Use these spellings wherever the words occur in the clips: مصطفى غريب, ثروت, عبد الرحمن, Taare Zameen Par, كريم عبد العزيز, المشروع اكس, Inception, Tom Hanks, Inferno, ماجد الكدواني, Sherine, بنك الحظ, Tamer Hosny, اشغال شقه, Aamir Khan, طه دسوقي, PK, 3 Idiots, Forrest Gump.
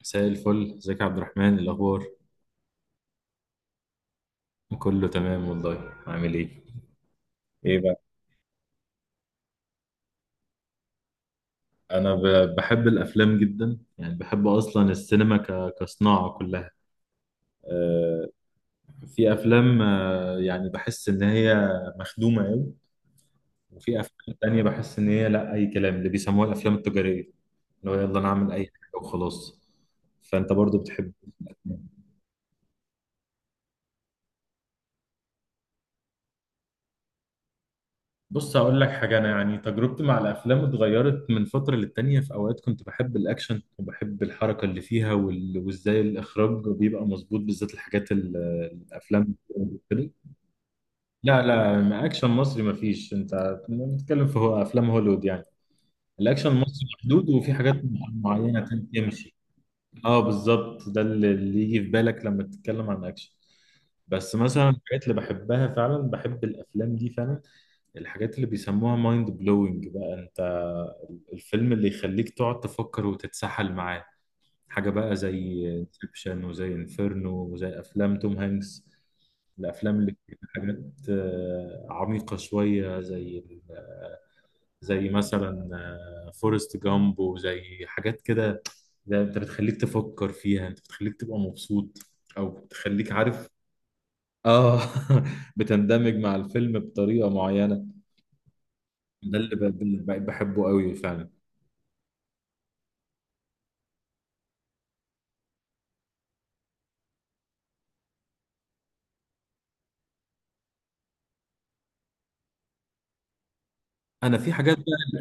مساء الفل، ازيك يا عبد الرحمن؟ إيه الاخبار؟ كله تمام والله. عامل ايه؟ ايه بقى؟ انا بحب الافلام جدا. يعني بحب اصلا السينما كصناعه كلها. آه، في افلام، آه، يعني بحس ان هي مخدومه قوي، وفي افلام تانية بحس ان هي لا، اي كلام، اللي بيسموها الافلام التجاريه، اللي هو يلا نعمل اي حاجه وخلاص. فانت برضو بتحب إيه؟ بص هقول لك حاجة. أنا يعني تجربتي مع الأفلام اتغيرت من فترة للتانية. في أوقات كنت بحب الأكشن وبحب الحركة اللي فيها، وإزاي الإخراج بيبقى مظبوط، بالذات الحاجات الأفلام كده. لا لا، ما أكشن مصري مفيش. أنت بتتكلم في هو أفلام هوليوود يعني. الأكشن المصري محدود، وفي حاجات معينة تمشي. أه بالظبط، ده اللي يجي في بالك لما تتكلم عن أكشن. بس مثلا الحاجات اللي بحبها فعلا، بحب الأفلام دي فعلا، الحاجات اللي بيسموها مايند بلوينج بقى. انت الفيلم اللي يخليك تقعد تفكر وتتسحل معاه، حاجة بقى زي انسبشن وزي انفيرنو وزي افلام توم هانكس، الافلام اللي فيها حاجات عميقة شوية، زي زي مثلا فورست جامب وزي حاجات كده. ده انت بتخليك تفكر فيها، انت بتخليك تبقى مبسوط، او بتخليك عارف. اه بتندمج مع الفيلم بطريقة معينة. ده اللي بحبه قوي فعلا. انا في حاجات بقى،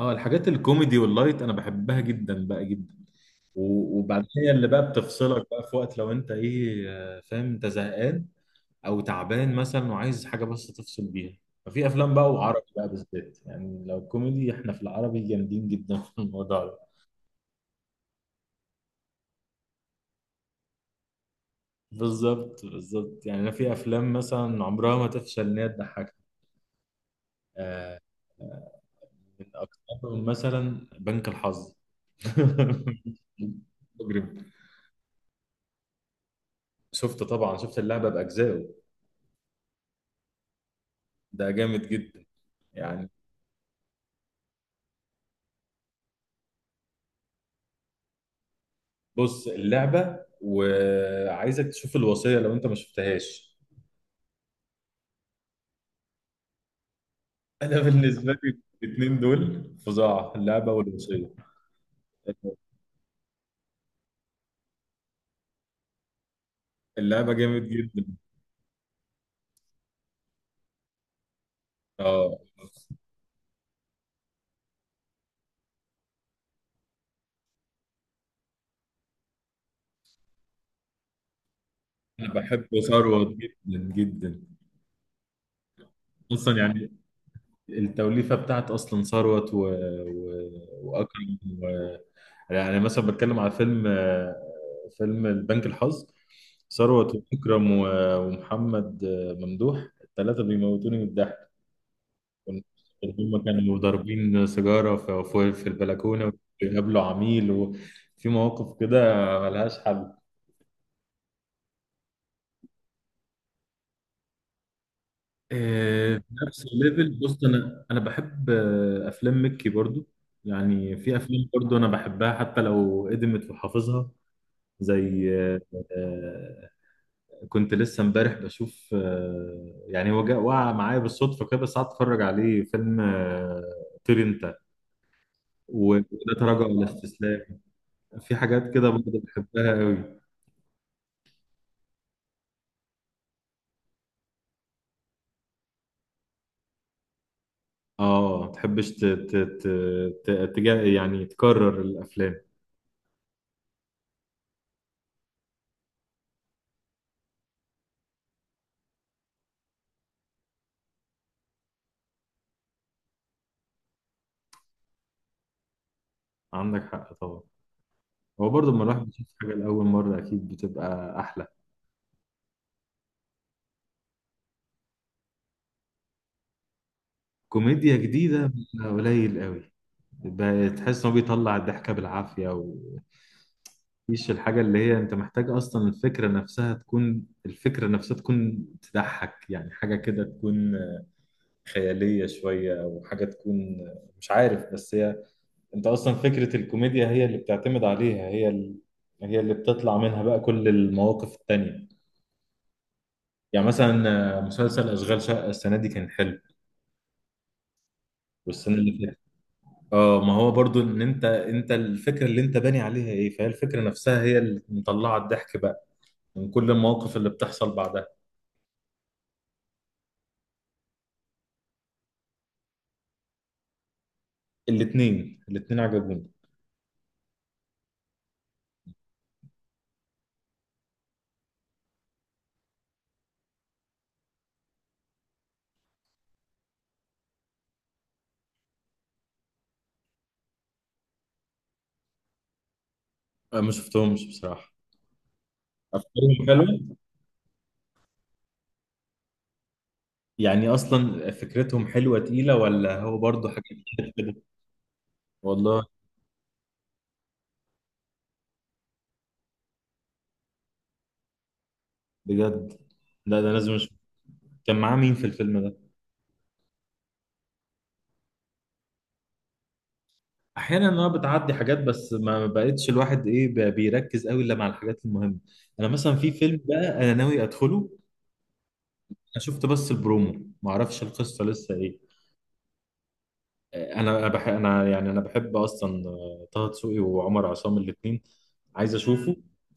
اه الحاجات الكوميدي واللايت انا بحبها جدا بقى جدا. وبعدين هي اللي بقى بتفصلك بقى في وقت لو انت ايه، فاهم، انت زهقان او تعبان مثلا وعايز حاجه بس تفصل بيها. ففي افلام بقى، وعربي بقى بالذات، يعني لو كوميدي احنا في العربي جامدين جدا في الموضوع ده. بالظبط بالظبط، يعني انا في افلام مثلا عمرها ما تفشل ان هي تضحكك. آه، آه، من اكترهم مثلا بنك الحظ. مجرم. شفت طبعا، شفت اللعبه باجزائه. ده جامد جدا يعني. بص اللعبه، وعايزك تشوف الوصيه لو انت ما شفتهاش. انا بالنسبه لي الاثنين دول فظاع، اللعبه والوصيه. اللعبه جامد جدا. اه انا بحب ثروت جدا جدا. اصلا يعني التوليفه بتاعت اصلا ثروت و... واكرم. يعني مثلا بتكلم على فيلم فيلم البنك الحظ، ثروت وإكرم ومحمد ممدوح، الثلاثة بيموتوني من الضحك. كنت- هم كانوا ضاربين سيجارة في البلكونة، وبيقابلوا عميل، وفي مواقف كده ملهاش حل. في نفس الليفل، بص أنا بحب أفلام مكي برضو. يعني في أفلام برضو أنا بحبها حتى لو قدمت وحافظها، زي، كنت لسه امبارح بشوف، يعني هو جاء وقع معايا بالصدفه كده، بس قعدت اتفرج عليه، فيلم طير انت. وده تراجع ولا استسلام. في حاجات كده برضه بحبها قوي. اه، ما تحبش يعني تكرر الافلام. عندك حق طبعا، هو برضه لما الواحد بيشوف حاجه لاول مره اكيد بتبقى احلى. كوميديا جديده بتبقى قليل قوي. تحس انه بيطلع الضحكه بالعافيه، ومفيش الحاجه اللي هي انت محتاج اصلا، الفكره نفسها تكون، الفكره نفسها تكون تضحك، يعني حاجه كده تكون خياليه شويه، او حاجه تكون، مش عارف، بس هي انت اصلا فكره الكوميديا هي اللي بتعتمد عليها، هي هي اللي بتطلع منها بقى كل المواقف التانية. يعني مثلا مسلسل اشغال شقه السنه دي كان حلو، والسنه اللي فاتت. اه ما هو برضو ان انت الفكره اللي انت باني عليها ايه، فهي الفكره نفسها هي اللي مطلعه الضحك بقى من كل المواقف اللي بتحصل بعدها. الاتنين عجبوني. انا ما شفتهمش بصراحه. افكارهم حلوه، يعني اصلا فكرتهم حلوه تقيله ولا هو برضو حاجه. والله بجد، لا ده لازم اشوف. كان معاه مين في الفيلم ده؟ احيانا انا بتعدي حاجات، بس ما بقتش الواحد ايه بقى بيركز قوي الا مع الحاجات المهمه. انا مثلا في فيلم بقى انا ناوي ادخله، انا شفت بس البرومو، ما اعرفش القصه لسه ايه. انا انا يعني انا بحب اصلا طه دسوقي وعمر عصام الاثنين. عايز اشوفه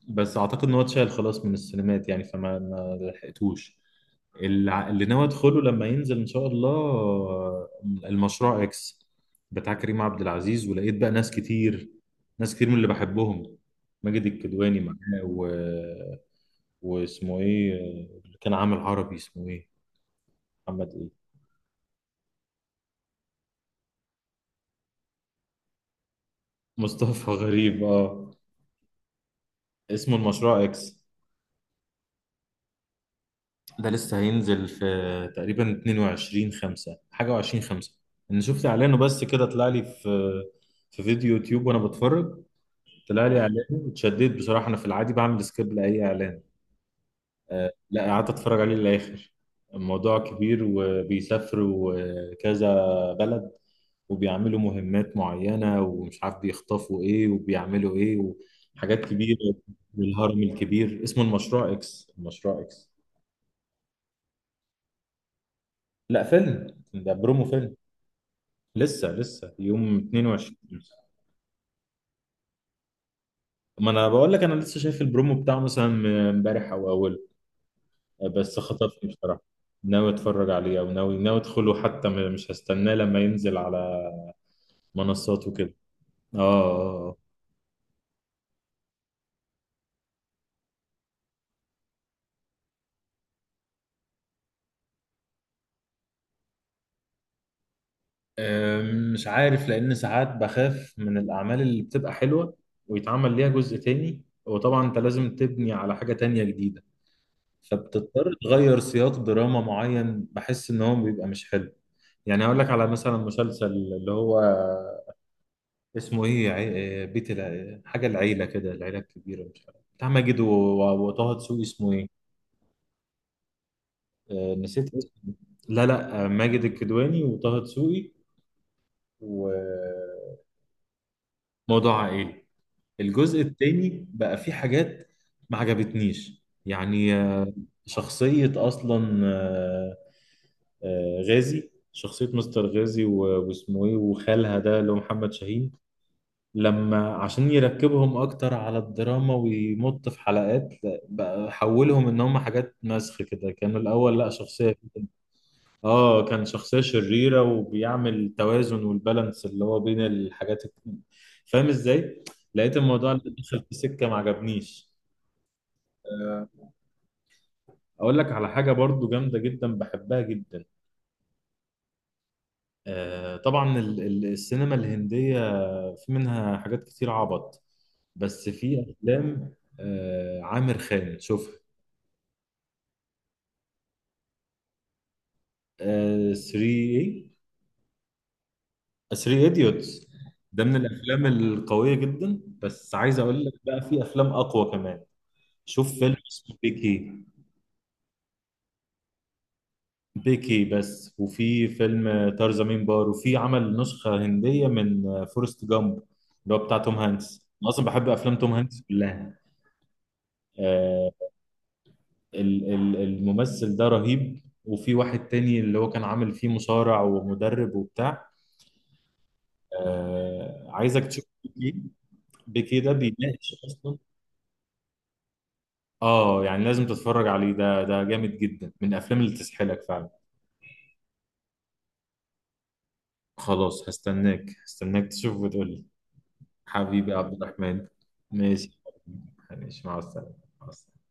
بس اعتقد ان هو اتشال خلاص من السينمات، يعني فما ما لحقتوش. اللي ناوي ادخله لما ينزل ان شاء الله، المشروع اكس بتاع كريم عبد العزيز. ولقيت بقى ناس كتير، ناس كتير من اللي بحبهم، ماجد الكدواني معاه واسمه ايه، اللي كان عامل عربي اسمه ايه، محمد إيه. مصطفى غريب، اه. اسمه المشروع اكس. ده لسه هينزل في تقريبا 22 5 حاجة و20 5. انا شفت اعلانه بس كده، طلع لي في في فيديو يوتيوب وانا بتفرج، طلع لي اعلانه، اتشددت بصراحة. انا في العادي بعمل سكيب لاي اعلان، آه لا قعدت اتفرج عليه للاخر. الموضوع كبير، وبيسافروا كذا بلد وبيعملوا مهمات معينة، ومش عارف بيخطفوا ايه وبيعملوا ايه، وحاجات كبيرة والهرم الكبير. اسمه المشروع اكس، المشروع اكس. لا فيلم، ده برومو فيلم. لسه يوم 22. ما انا بقول لك انا لسه شايف البرومو بتاعه مثلا امبارح او اوله، بس خطفني بصراحة. ناوي اتفرج عليه، او ناوي ادخله حتى، مش هستناه لما ينزل على منصات وكده. اه مش عارف، لأن ساعات بخاف من الأعمال اللي بتبقى حلوة ويتعمل ليها جزء تاني، وطبعا أنت لازم تبني على حاجة تانية جديدة، فبتضطر تغير سياق دراما معين، بحس إن هو بيبقى مش حلو. يعني هقول لك على مثلا مسلسل اللي هو اسمه إيه، عي... بيت الع... حاجة العيلة كده، العيلة الكبيرة، مش عارف، بتاع ماجد وطه دسوقي، اسمه إيه، نسيت اسمه. لا لا، ماجد الكدواني وطه دسوقي. وموضوع عائلي. الجزء التاني بقى فيه حاجات ما عجبتنيش يعني، شخصية أصلا، غازي، شخصية مستر غازي واسمه إيه وخالها ده اللي هو محمد شاهين، لما عشان يركبهم أكتر على الدراما ويمط في حلقات، لا، بقى حولهم إن هم حاجات مسخ كده. كانوا الأول لا شخصية، اه كان شخصية شريرة وبيعمل توازن والبالانس اللي هو بين الحاجات فاهم ازاي؟ لقيت الموضوع اللي دخل في سكة ما عجبنيش. آه، اقول لك على حاجة برضو جامدة جدا بحبها جدا. طبعا السينما الهندية، في منها حاجات كتير عبط، بس في افلام عامر خان، شوفها. 3 ايه؟ 3 ايديوتس ده من الافلام القويه جدا، بس عايز اقول لك بقى في افلام اقوى كمان. شوف فيلم اسمه بيكي. بيكي بس. وفي فيلم ترزمين بار، وفي عمل نسخة هندية من فورست جامب اللي هو بتاع توم هانكس. أنا أصلا بحب أفلام توم هانكس كلها. آه الممثل ده رهيب. وفي واحد تاني اللي هو كان عامل فيه مصارع ومدرب وبتاع. آه عايزك تشوف بيكي، بيكي ده بيناقش أصلا، آه يعني لازم تتفرج عليه، ده ده جامد جدا من الأفلام اللي تسحلك فعلا. خلاص هستناك تشوف وتقول لي. حبيبي عبد الرحمن، ماشي. ماشي، مع السلامة. مع السلامة.